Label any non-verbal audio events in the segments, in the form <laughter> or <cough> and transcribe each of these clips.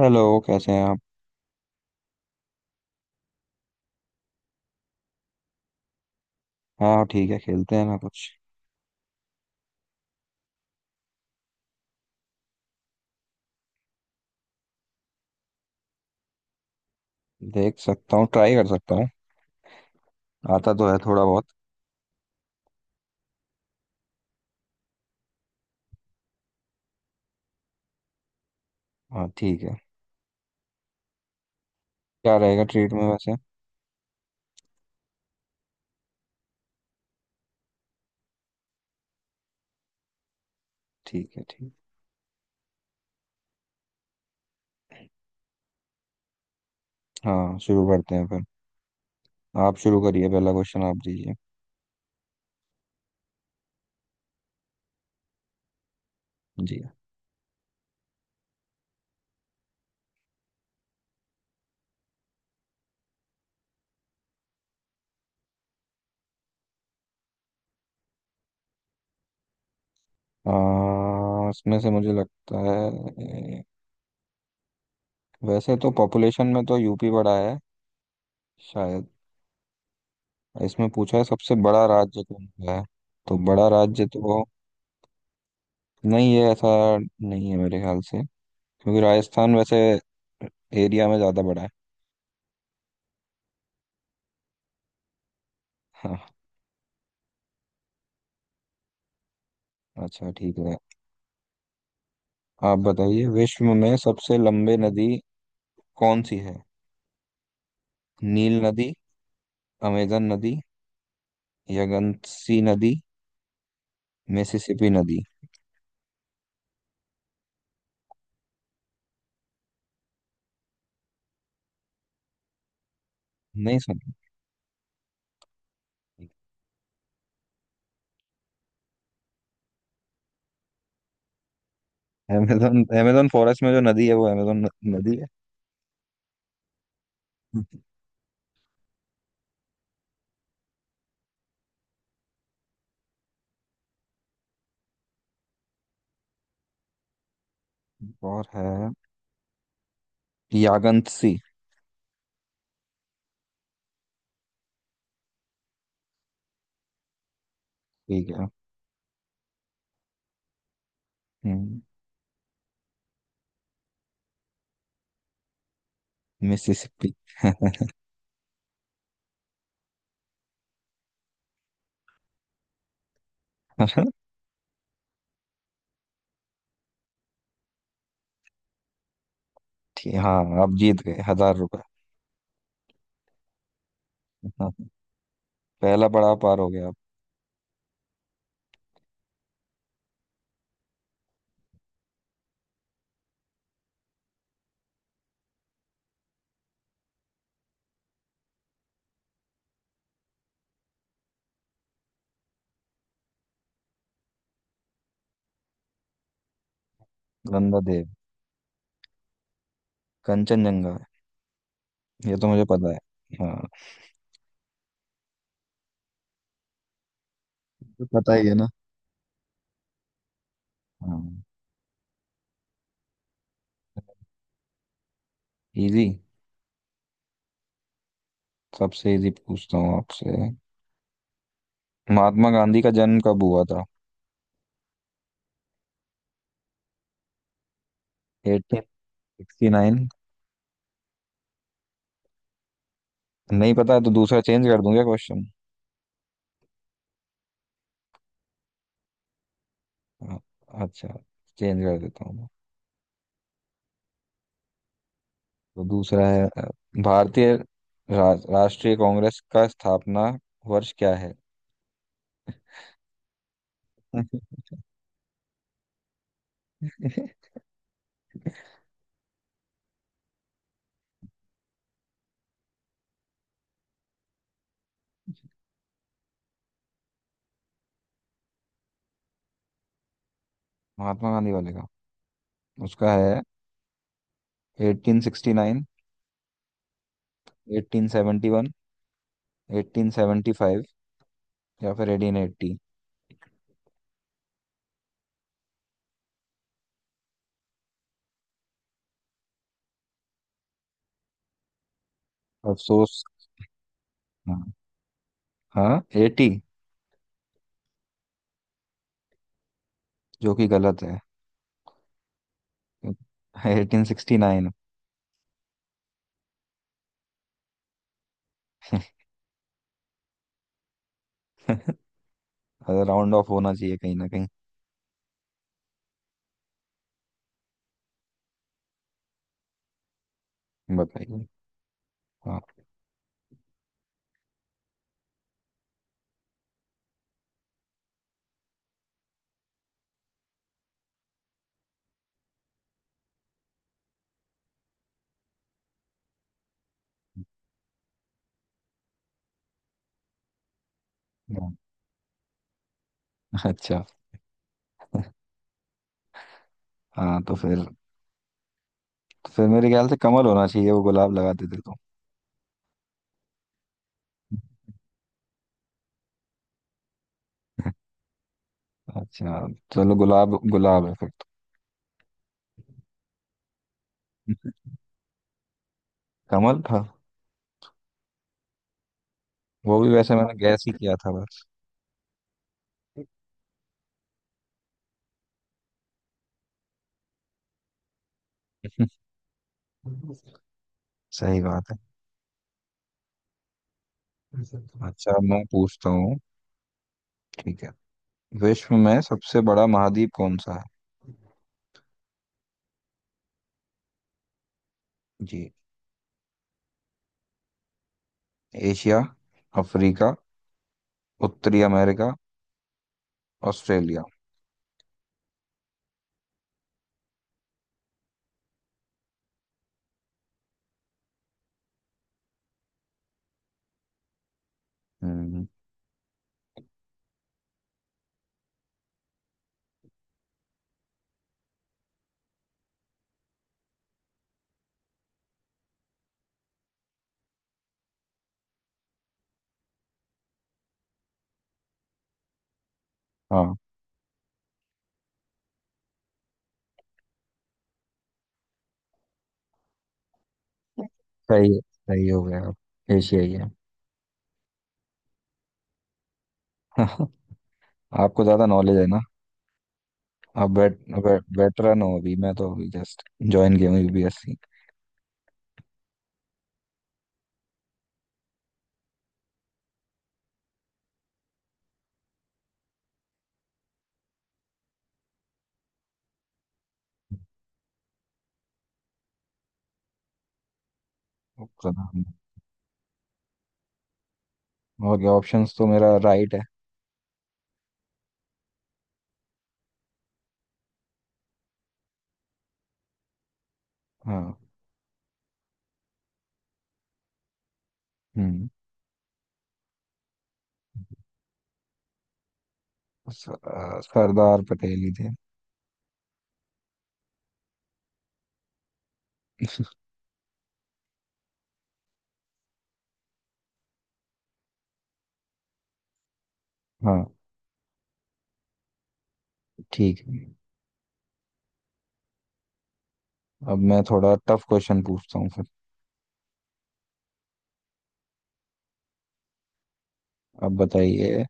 Hello कैसे हैं आप। हाँ ठीक है, खेलते हैं ना कुछ। देख सकता हूँ, ट्राई कर सकता हूँ। आता तो है थोड़ा बहुत। हाँ ठीक है। क्या रहेगा ट्रीट में वैसे? ठीक है ठीक। हाँ शुरू करते हैं फिर। आप शुरू करिए, पहला क्वेश्चन आप दीजिए। जी। इसमें से मुझे लगता है, वैसे तो पॉपुलेशन में तो यूपी बड़ा है शायद। इसमें पूछा है सबसे बड़ा राज्य कौन सा है। तो बड़ा राज्य तो नहीं है ऐसा, नहीं है मेरे ख्याल से, क्योंकि राजस्थान वैसे एरिया में ज़्यादा बड़ा है। हाँ। अच्छा ठीक है। आप बताइए, विश्व में सबसे लंबे नदी कौन सी है? नील नदी, अमेजन नदी, यंगत्सी नदी, मिसिसिपी नदी। नहीं सुन। अमेजन, अमेजन फॉरेस्ट में जो नदी है वो अमेजन नदी है। <laughs> और है, यागंतसी। ठीक है। हम्म, मिसिसिपी। <laughs> ठीक। हाँ आप जीत गए हजार रुपए। हाँ, पहला पड़ाव पार हो गया आप। नंदा देव, कंचनजंगा। ये तो मुझे पता है। हाँ, ये तो पता ही है ना। हाँ। इजी। सबसे इजी पूछता हूँ आपसे। महात्मा गांधी का जन्म कब हुआ था? 1869। नहीं पता है तो दूसरा चेंज कर दूंगा क्वेश्चन। अच्छा, चेंज कर देता हूँ। तो दूसरा है, भारतीय राष्ट्रीय कांग्रेस का स्थापना वर्ष क्या है? <laughs> महात्मा गांधी वाले का। उसका है, 1869, 1871, 1875, या फिर 1880। अफसोस। हाँ। हाँ 80। जो कि गलत है। Eighteen sixty nine. <laughs> Round off होना चाहिए कहीं ना कहीं। बताइए। हाँ। हाँ, अच्छा। हाँ तो फिर, तो फिर मेरे ख्याल से कमल होना चाहिए, वो गुलाब लगा देते तो। अच्छा, चलो गुलाब गुलाब है फिर तो। कमल था। वो भी वैसे मैंने गैस ही किया था बस। सही बात है। अच्छा मैं पूछता हूँ। ठीक है। विश्व में सबसे बड़ा महाद्वीप कौन सा है? जी, एशिया, अफ्रीका, उत्तरी अमेरिका, ऑस्ट्रेलिया। हम्म। हाँ सही है, सही हो गया आप। एशियाई है। <laughs> आपको ज्यादा नॉलेज है ना। आप वेटरन हो, अभी मैं तो अभी जस्ट ज्वाइन किया हूँ यूपीएससी। और क्या ऑप्शंस तो मेरा राइट है। हाँ। हम्म। सरदार पटेल ही थे। हाँ ठीक है। अब मैं थोड़ा टफ क्वेश्चन पूछता हूँ फिर। अब बताइए,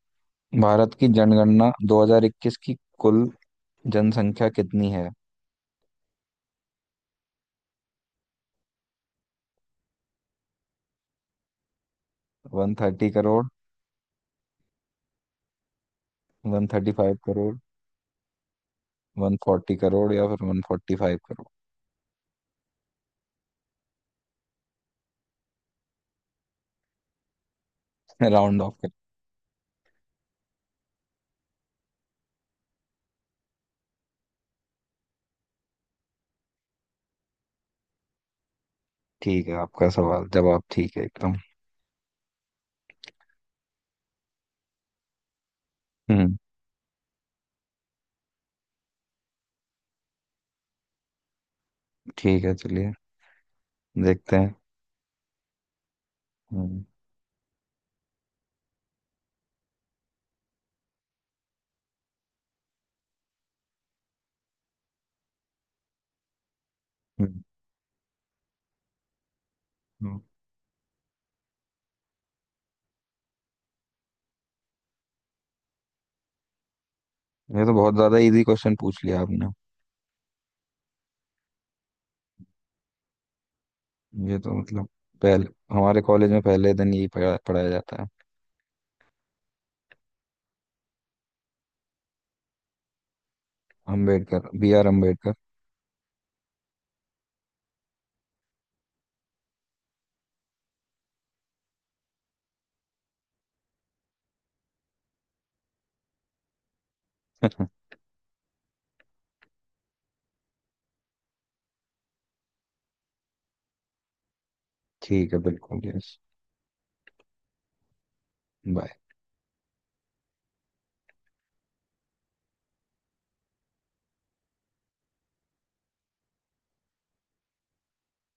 भारत की जनगणना 2021 की कुल जनसंख्या कितनी है? 130 करोड़, 135 करोड़, वन फोर्टी करोड़, या फिर one forty five crore. <laughs> Round off कर। ठीक है आपका सवाल जवाब ठीक है एकदम। हम्म। ठीक है चलिए। देखते हैं। हम्म। हम्म। हम्म। ये तो बहुत ज्यादा इजी क्वेश्चन पूछ लिया आपने। ये तो मतलब पहले, हमारे कॉलेज में पहले दिन यही पढ़ाया जाता है। Ambedkar, B R Ambedkar. <laughs> ठीक है, बिल्कुल यस। बाय।